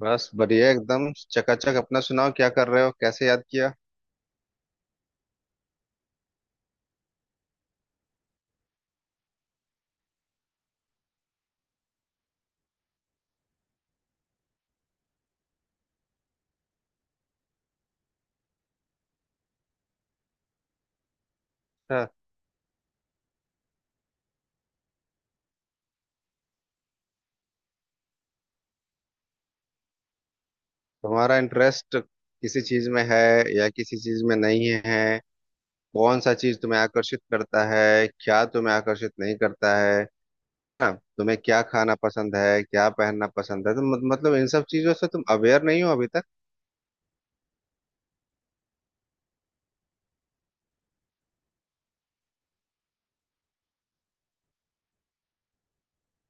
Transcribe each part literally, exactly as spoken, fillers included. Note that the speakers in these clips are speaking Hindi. बस बढ़िया एकदम चकाचक। अपना सुनाओ, क्या कर रहे हो, कैसे याद किया? अच्छा, तुम्हारा इंटरेस्ट किसी चीज में है या किसी चीज में नहीं है? कौन सा चीज तुम्हें आकर्षित करता है, क्या तुम्हें आकर्षित नहीं करता है? हाँ, तुम्हें क्या खाना पसंद है, क्या पहनना पसंद है? तो मत, मतलब इन सब चीजों से तुम अवेयर नहीं हो अभी तक?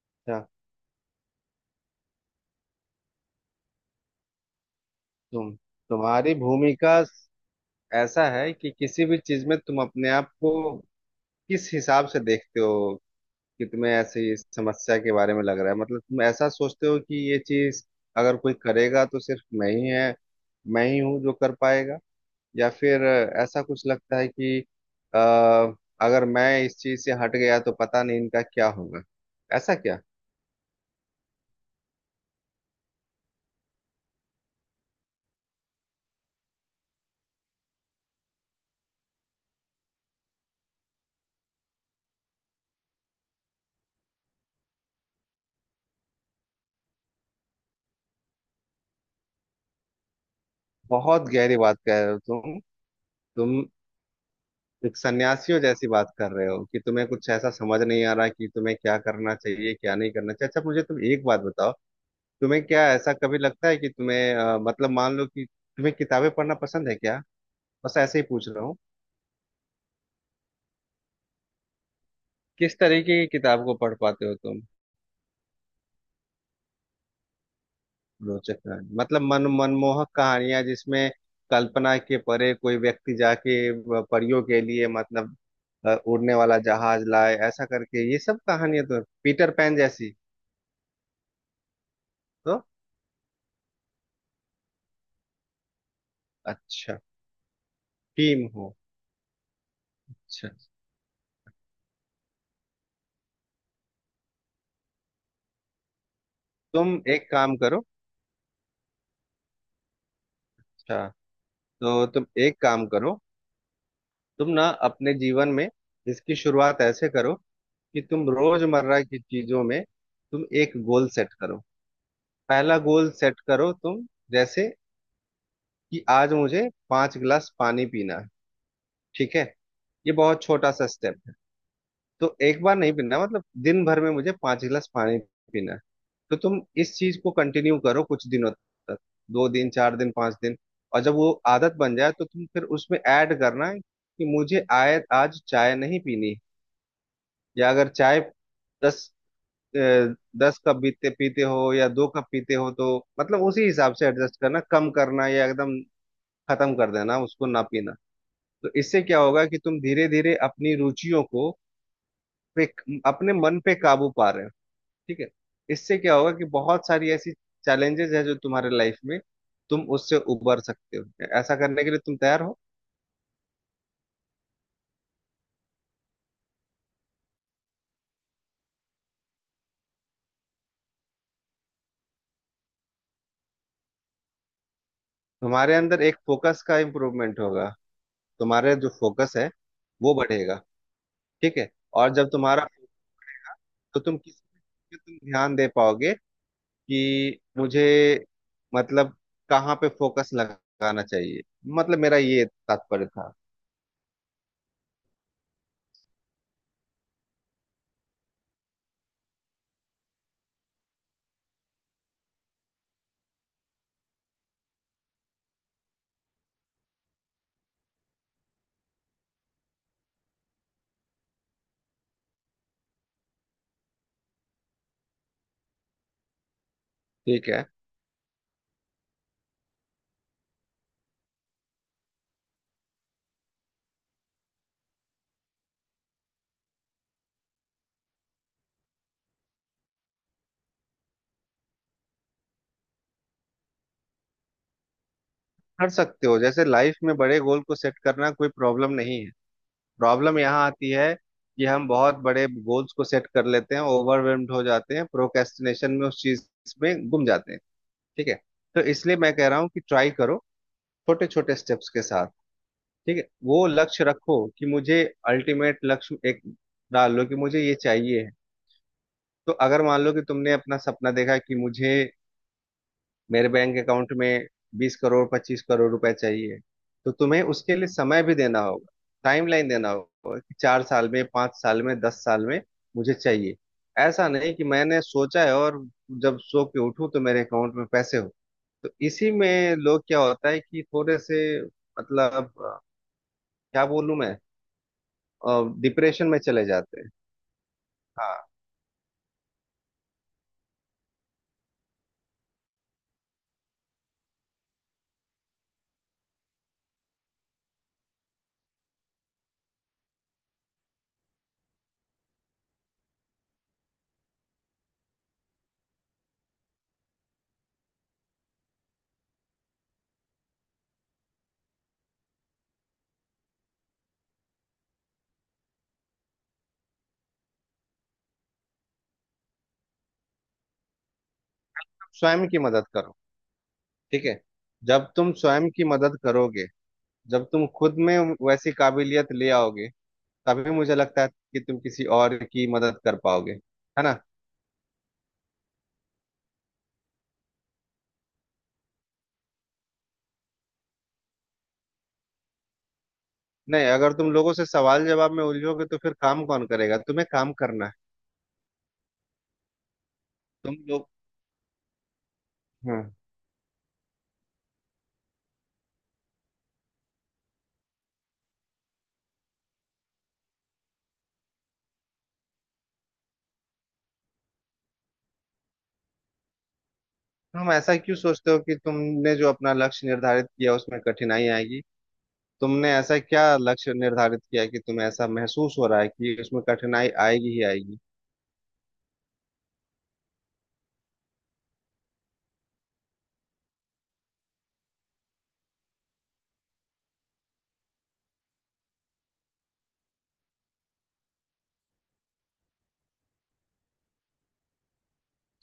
अच्छा। तुम तुम्हारी भूमिका, ऐसा है कि किसी भी चीज में तुम अपने आप को किस हिसाब से देखते हो? कि तुम्हें ऐसे ही इस समस्या के बारे में लग रहा है? मतलब तुम ऐसा सोचते हो कि ये चीज अगर कोई करेगा तो सिर्फ मैं ही है, मैं ही हूँ जो कर पाएगा? या फिर अ, ऐसा कुछ लगता है कि अ, अगर मैं इस चीज से हट गया तो पता नहीं इनका क्या होगा, ऐसा क्या? बहुत गहरी बात कह रहे हो तुम। तुम एक सन्यासियों जैसी बात कर रहे हो कि तुम्हें कुछ ऐसा समझ नहीं आ रहा कि तुम्हें क्या करना चाहिए, क्या नहीं करना चाहिए। अच्छा, मुझे तुम एक बात बताओ, तुम्हें क्या ऐसा कभी लगता है कि तुम्हें अ, मतलब मान लो कि तुम्हें किताबें पढ़ना पसंद है क्या? बस ऐसे ही पूछ रहा हूँ। किस तरीके की किताब को पढ़ पाते हो तुम? रोचक कहानी मतलब मन मनमोहक कहानियां, जिसमें कल्पना के परे कोई व्यक्ति जाके अ, परियों के लिए, मतलब अ, उड़ने वाला जहाज लाए, ऐसा करके ये सब कहानियां, तो पीटर पैन जैसी? तो अच्छा, टीम हो। अच्छा, तुम एक काम करो। अच्छा, तो तुम एक काम करो। तुम ना अपने जीवन में इसकी शुरुआत ऐसे करो कि तुम रोजमर्रा की चीजों में तुम एक गोल सेट करो। पहला गोल सेट करो तुम, जैसे कि आज मुझे पांच गिलास पानी पीना है। ठीक है, ये बहुत छोटा सा स्टेप है। तो एक बार नहीं पीना, मतलब दिन भर में मुझे पांच गिलास पानी पीना है। तो तुम इस चीज को कंटिन्यू करो कुछ दिनों तक, दो दिन, चार दिन, पांच दिन। और जब वो आदत बन जाए तो तुम फिर उसमें ऐड करना है कि मुझे आय आज चाय नहीं पीनी। या अगर चाय दस, अ, दस कप पीते पीते हो या दो कप पीते हो तो मतलब उसी हिसाब से एडजस्ट करना, कम करना या एकदम खत्म कर देना, उसको ना पीना। तो इससे क्या होगा कि तुम धीरे धीरे अपनी रुचियों को पे, अपने मन पे काबू पा रहे हो। ठीक है? इससे क्या होगा कि बहुत सारी ऐसी चैलेंजेस है जो तुम्हारे लाइफ में, तुम उससे उबर सकते हो। ऐसा करने के लिए तुम तैयार हो? तुम्हारे अंदर एक फोकस का इम्प्रूवमेंट होगा। तुम्हारे जो फोकस है वो बढ़ेगा। ठीक है। और जब तुम्हारा, तो तुम किस पे तुम ध्यान दे पाओगे कि मुझे, मतलब कहाँ पे फोकस लगाना चाहिए, मतलब मेरा ये तात्पर्य था। ठीक है, कर सकते हो। जैसे लाइफ में बड़े गोल को सेट करना कोई प्रॉब्लम नहीं है। प्रॉब्लम यहाँ आती है कि हम बहुत बड़े गोल्स को सेट कर लेते हैं, ओवरवेल्म्ड हो जाते हैं, प्रोक्रेस्टिनेशन में उस चीज में गुम जाते हैं। ठीक है? तो इसलिए मैं कह रहा हूँ कि ट्राई करो छोटे छोटे स्टेप्स के साथ। ठीक है, वो लक्ष्य रखो कि मुझे अल्टीमेट लक्ष्य एक डाल लो कि मुझे ये चाहिए है। तो अगर मान लो कि तुमने अपना सपना देखा कि मुझे मेरे बैंक अकाउंट में बीस करोड़, पच्चीस करोड़ रुपए चाहिए, तो तुम्हें उसके लिए समय भी देना होगा, टाइमलाइन देना होगा कि चार साल में, पांच साल में, दस साल में मुझे चाहिए। ऐसा नहीं कि मैंने सोचा है और जब सो के उठूं तो मेरे अकाउंट में पैसे हो। तो इसी में लोग क्या होता है कि थोड़े से, मतलब अ, क्या बोलूं मैं? डिप्रेशन में चले जाते हैं, हाँ। स्वयं की मदद करो। ठीक है, जब तुम स्वयं की मदद करोगे, जब तुम खुद में वैसी काबिलियत ले आओगे, तभी मुझे लगता है कि तुम किसी और की मदद कर पाओगे। है ना? नहीं, अगर तुम लोगों से सवाल जवाब में उलझोगे तो फिर काम कौन करेगा, तुम्हें काम करना है। तुम लोग, हम्म। तुम ऐसा क्यों सोचते हो कि तुमने जो अपना लक्ष्य निर्धारित किया उसमें कठिनाई आएगी? तुमने ऐसा क्या लक्ष्य निर्धारित किया कि तुम्हें ऐसा महसूस हो रहा है कि उसमें कठिनाई आएगी ही आएगी?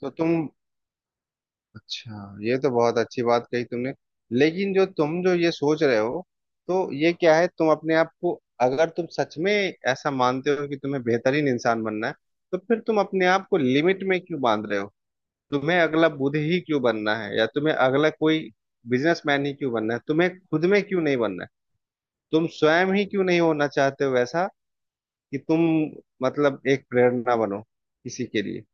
तो तुम, अच्छा, ये तो बहुत अच्छी बात कही तुमने। लेकिन जो तुम जो ये सोच रहे हो, तो ये क्या है? तुम अपने आप को, अगर तुम सच में ऐसा मानते हो कि तुम्हें बेहतरीन इंसान बनना है, तो फिर तुम अपने आप को लिमिट में क्यों बांध रहे हो? तुम्हें अगला बुद्ध ही क्यों बनना है, या तुम्हें अगला कोई बिजनेसमैन ही क्यों बनना है? तुम्हें खुद में क्यों नहीं बनना है? तुम स्वयं ही क्यों नहीं होना चाहते हो, ऐसा कि तुम, मतलब एक प्रेरणा बनो किसी के लिए?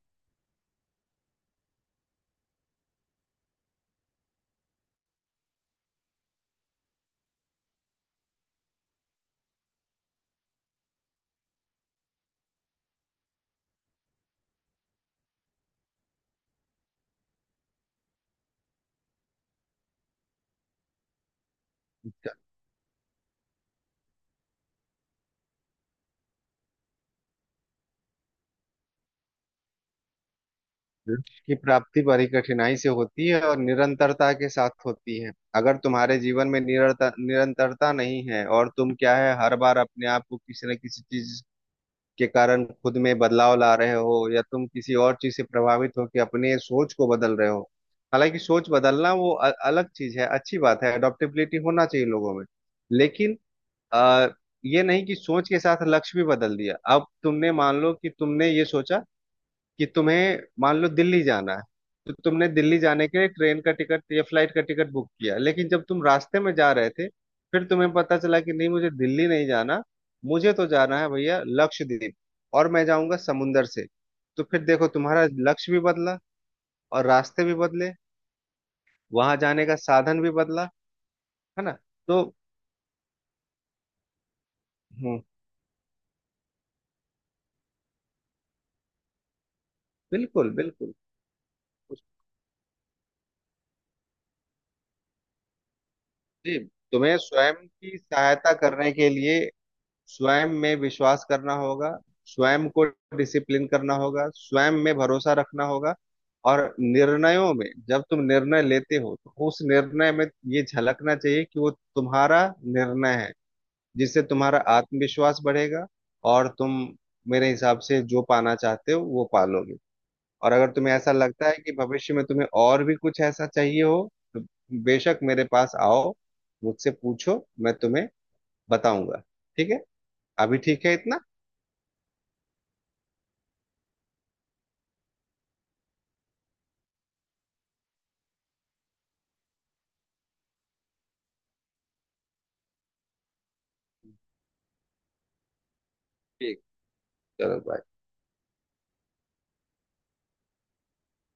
लक्ष्य की प्राप्ति बड़ी कठिनाई से होती है और निरंतरता के साथ होती है। अगर तुम्हारे जीवन में निरंतर निरंतरता नहीं है, और तुम क्या है हर बार अपने आप को किसी न किसी चीज के कारण खुद में बदलाव ला रहे हो, या तुम किसी और चीज से प्रभावित हो कि अपने सोच को बदल रहे हो। हालांकि सोच बदलना वो अ- अलग चीज है, अच्छी बात है, अडॉप्टेबिलिटी होना चाहिए लोगों में। लेकिन आ, ये नहीं कि सोच के साथ लक्ष्य भी बदल दिया। अब तुमने मान लो कि तुमने ये सोचा कि तुम्हें, मान लो, दिल्ली जाना है, तो तुमने दिल्ली जाने के लिए ट्रेन का टिकट या फ्लाइट का टिकट बुक किया, लेकिन जब तुम रास्ते में जा रहे थे फिर तुम्हें पता चला कि नहीं, मुझे दिल्ली नहीं जाना, मुझे तो जाना है भैया लक्षद्वीप, और मैं जाऊंगा समुंदर से। तो फिर देखो तुम्हारा लक्ष्य भी बदला, और रास्ते भी बदले, वहां जाने का साधन भी बदला। है ना? तो हम्म, बिल्कुल बिल्कुल। उस- जी, तुम्हें स्वयं की सहायता करने के लिए स्वयं में विश्वास करना होगा, स्वयं को डिसिप्लिन करना होगा, स्वयं में भरोसा रखना होगा। और निर्णयों में जब तुम निर्णय लेते हो तो उस निर्णय में ये झलकना चाहिए कि वो तुम्हारा निर्णय है, जिससे तुम्हारा आत्मविश्वास बढ़ेगा, और तुम मेरे हिसाब से जो पाना चाहते हो वो पालोगे। और अगर तुम्हें ऐसा लगता है कि भविष्य में तुम्हें और भी कुछ ऐसा चाहिए हो, तो बेशक मेरे पास आओ, मुझसे पूछो, मैं तुम्हें बताऊंगा। ठीक है, अभी ठीक है इतना। ठीक, चलो बाय।